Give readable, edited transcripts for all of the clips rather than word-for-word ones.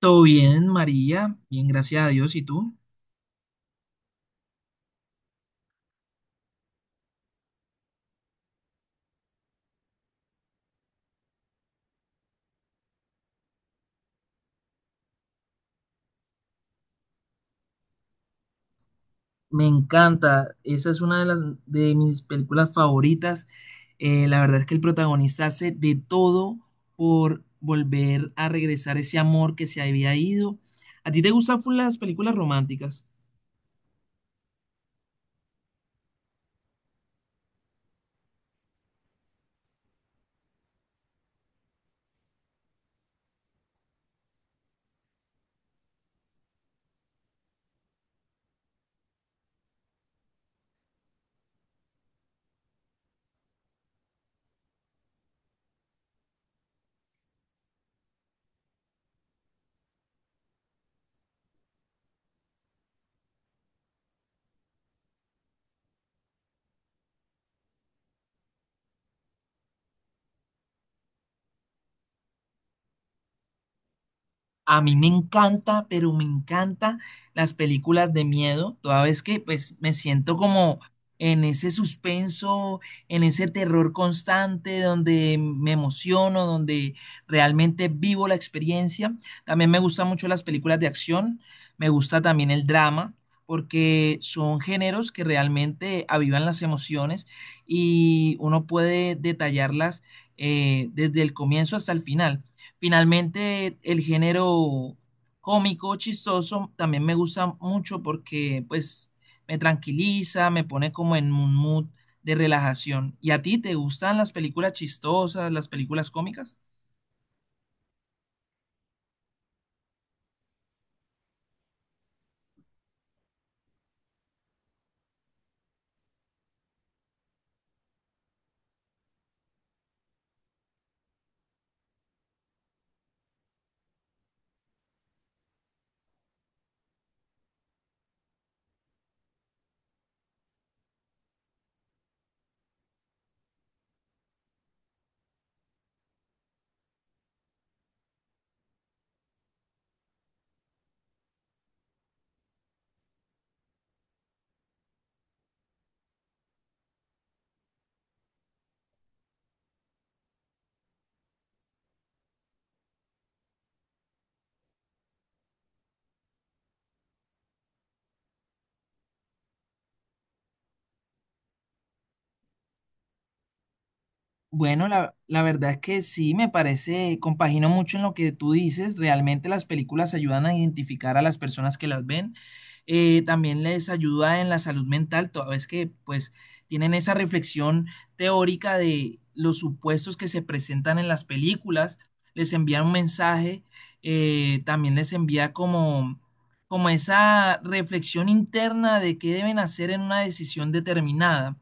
Todo bien, María, bien, gracias a Dios. ¿Y tú? Me encanta, esa es una de las de mis películas favoritas. La verdad es que el protagonista hace de todo por volver a regresar ese amor que se había ido. ¿A ti te gustan full las películas románticas? A mí me encanta, pero me encanta las películas de miedo, toda vez que pues me siento como en ese suspenso, en ese terror constante donde me emociono, donde realmente vivo la experiencia. También me gustan mucho las películas de acción, me gusta también el drama, porque son géneros que realmente avivan las emociones y uno puede detallarlas desde el comienzo hasta el final. Finalmente, el género cómico, chistoso, también me gusta mucho porque pues me tranquiliza, me pone como en un mood de relajación. ¿Y a ti te gustan las películas chistosas, las películas cómicas? Bueno, la verdad es que sí, me parece, compagino mucho en lo que tú dices. Realmente las películas ayudan a identificar a las personas que las ven. También les ayuda en la salud mental, toda vez que pues tienen esa reflexión teórica de los supuestos que se presentan en las películas. Les envía un mensaje, también les envía como esa reflexión interna de qué deben hacer en una decisión determinada,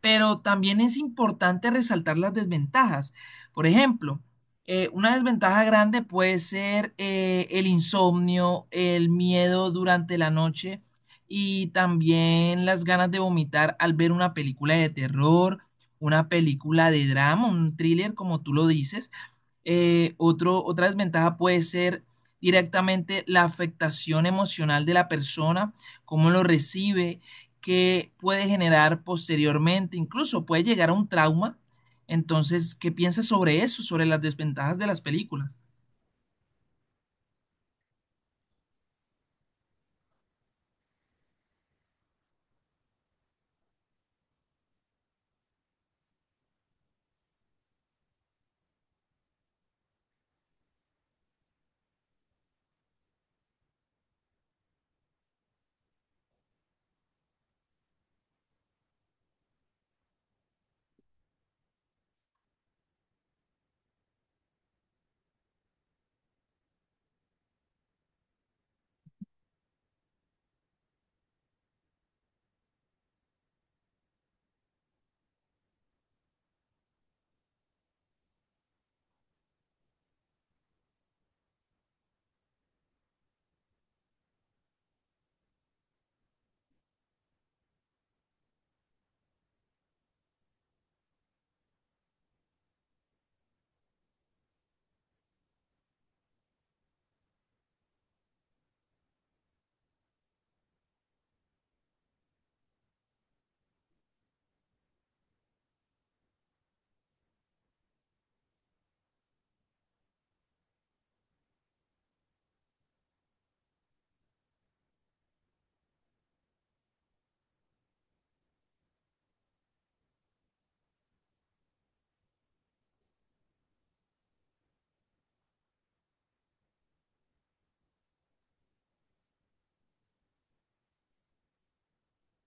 pero también es importante resaltar las desventajas. Por ejemplo, una desventaja grande puede ser, el insomnio, el miedo durante la noche y también las ganas de vomitar al ver una película de terror, una película de drama, un thriller, como tú lo dices. Otra desventaja puede ser directamente la afectación emocional de la persona, cómo lo recibe, que puede generar posteriormente, incluso puede llegar a un trauma. Entonces, ¿qué piensas sobre eso, sobre las desventajas de las películas?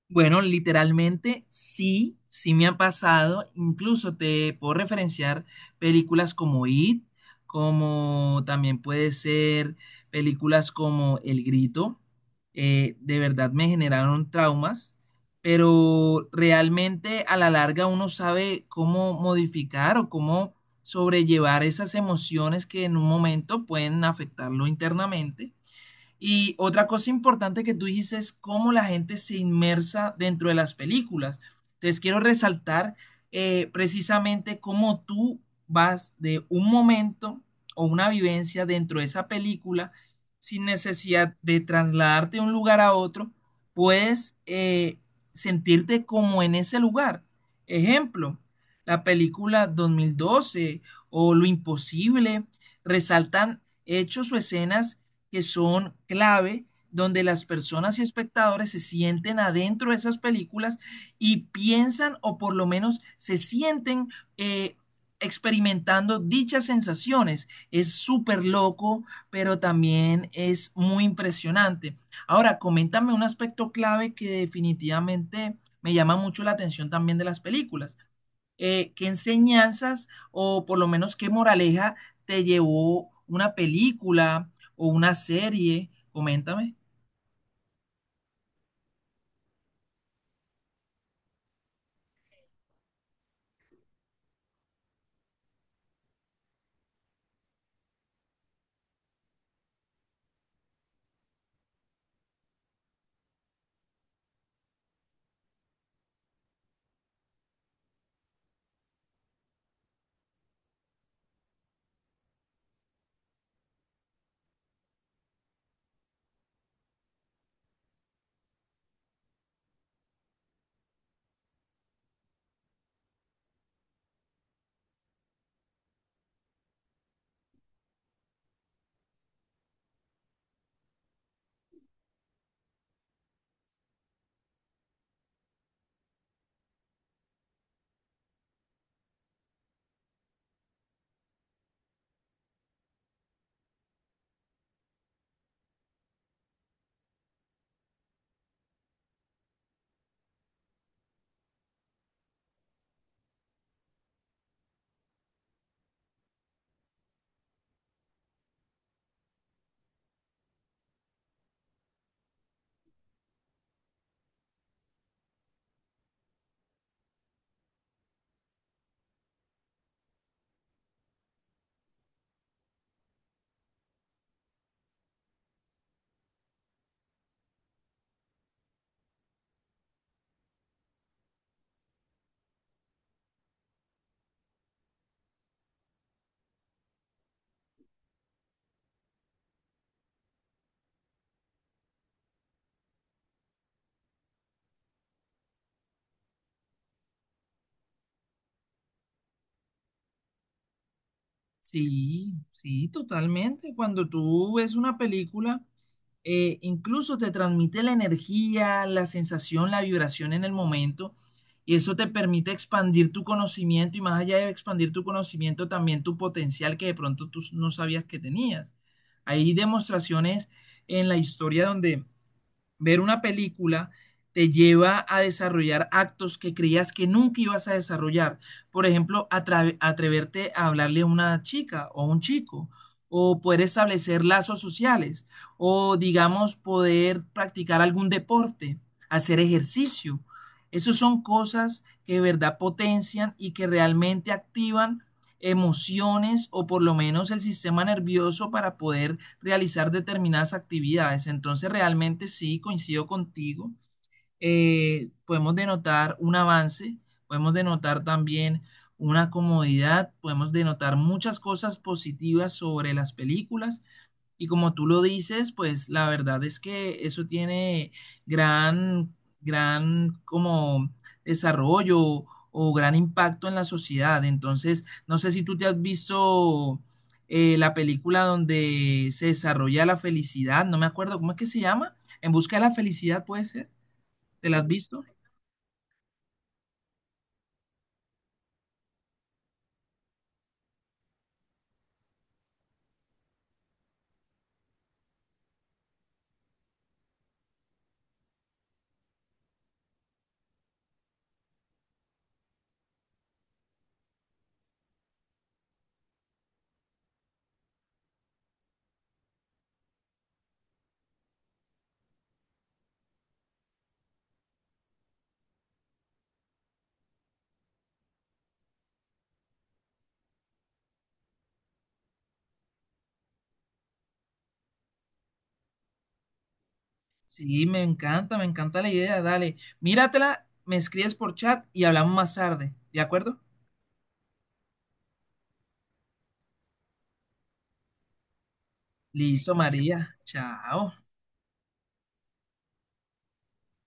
Bueno, literalmente sí, sí me ha pasado. Incluso te puedo referenciar películas como It, como también puede ser películas como El Grito. De verdad me generaron traumas, pero realmente a la larga uno sabe cómo modificar o cómo sobrellevar esas emociones que en un momento pueden afectarlo internamente, y otra cosa importante que tú dijiste es cómo la gente se inmersa dentro de las películas. Entonces quiero resaltar precisamente cómo tú vas de un momento o una vivencia dentro de esa película sin necesidad de trasladarte de un lugar a otro, puedes sentirte como en ese lugar. Ejemplo, la película 2012 o Lo Imposible resaltan hechos o escenas que son clave, donde las personas y espectadores se sienten adentro de esas películas y piensan, o por lo menos se sienten eh, experimentando dichas sensaciones. Es súper loco, pero también es muy impresionante. Ahora, coméntame un aspecto clave que definitivamente me llama mucho la atención también de las películas. ¿Qué enseñanzas o por lo menos qué moraleja te llevó una película o una serie? Coméntame. Sí, sí, totalmente. Cuando tú ves una película, incluso te transmite la energía, la sensación, la vibración en el momento. Y eso te permite expandir tu conocimiento, y más allá de expandir tu conocimiento, también tu potencial, que de pronto tú no sabías que tenías. Hay demostraciones en la historia donde ver una película te lleva a desarrollar actos que creías que nunca ibas a desarrollar. Por ejemplo, atreverte a hablarle a una chica o a un chico, o poder establecer lazos sociales, o digamos, poder practicar algún deporte, hacer ejercicio. Esas son cosas que de verdad potencian y que realmente activan emociones, o por lo menos el sistema nervioso, para poder realizar determinadas actividades. Entonces, realmente sí, coincido contigo. Podemos denotar un avance, podemos denotar también una comodidad, podemos denotar muchas cosas positivas sobre las películas, y como tú lo dices, pues la verdad es que eso tiene gran, gran como desarrollo o gran impacto en la sociedad. Entonces, no sé si tú te has visto la película donde se desarrolla la felicidad, no me acuerdo cómo es que se llama, En busca de la felicidad puede ser, ¿te la has visto? Sí, me encanta la idea, dale, míratela, me escribes por chat y hablamos más tarde, ¿de acuerdo? Listo, María, chao.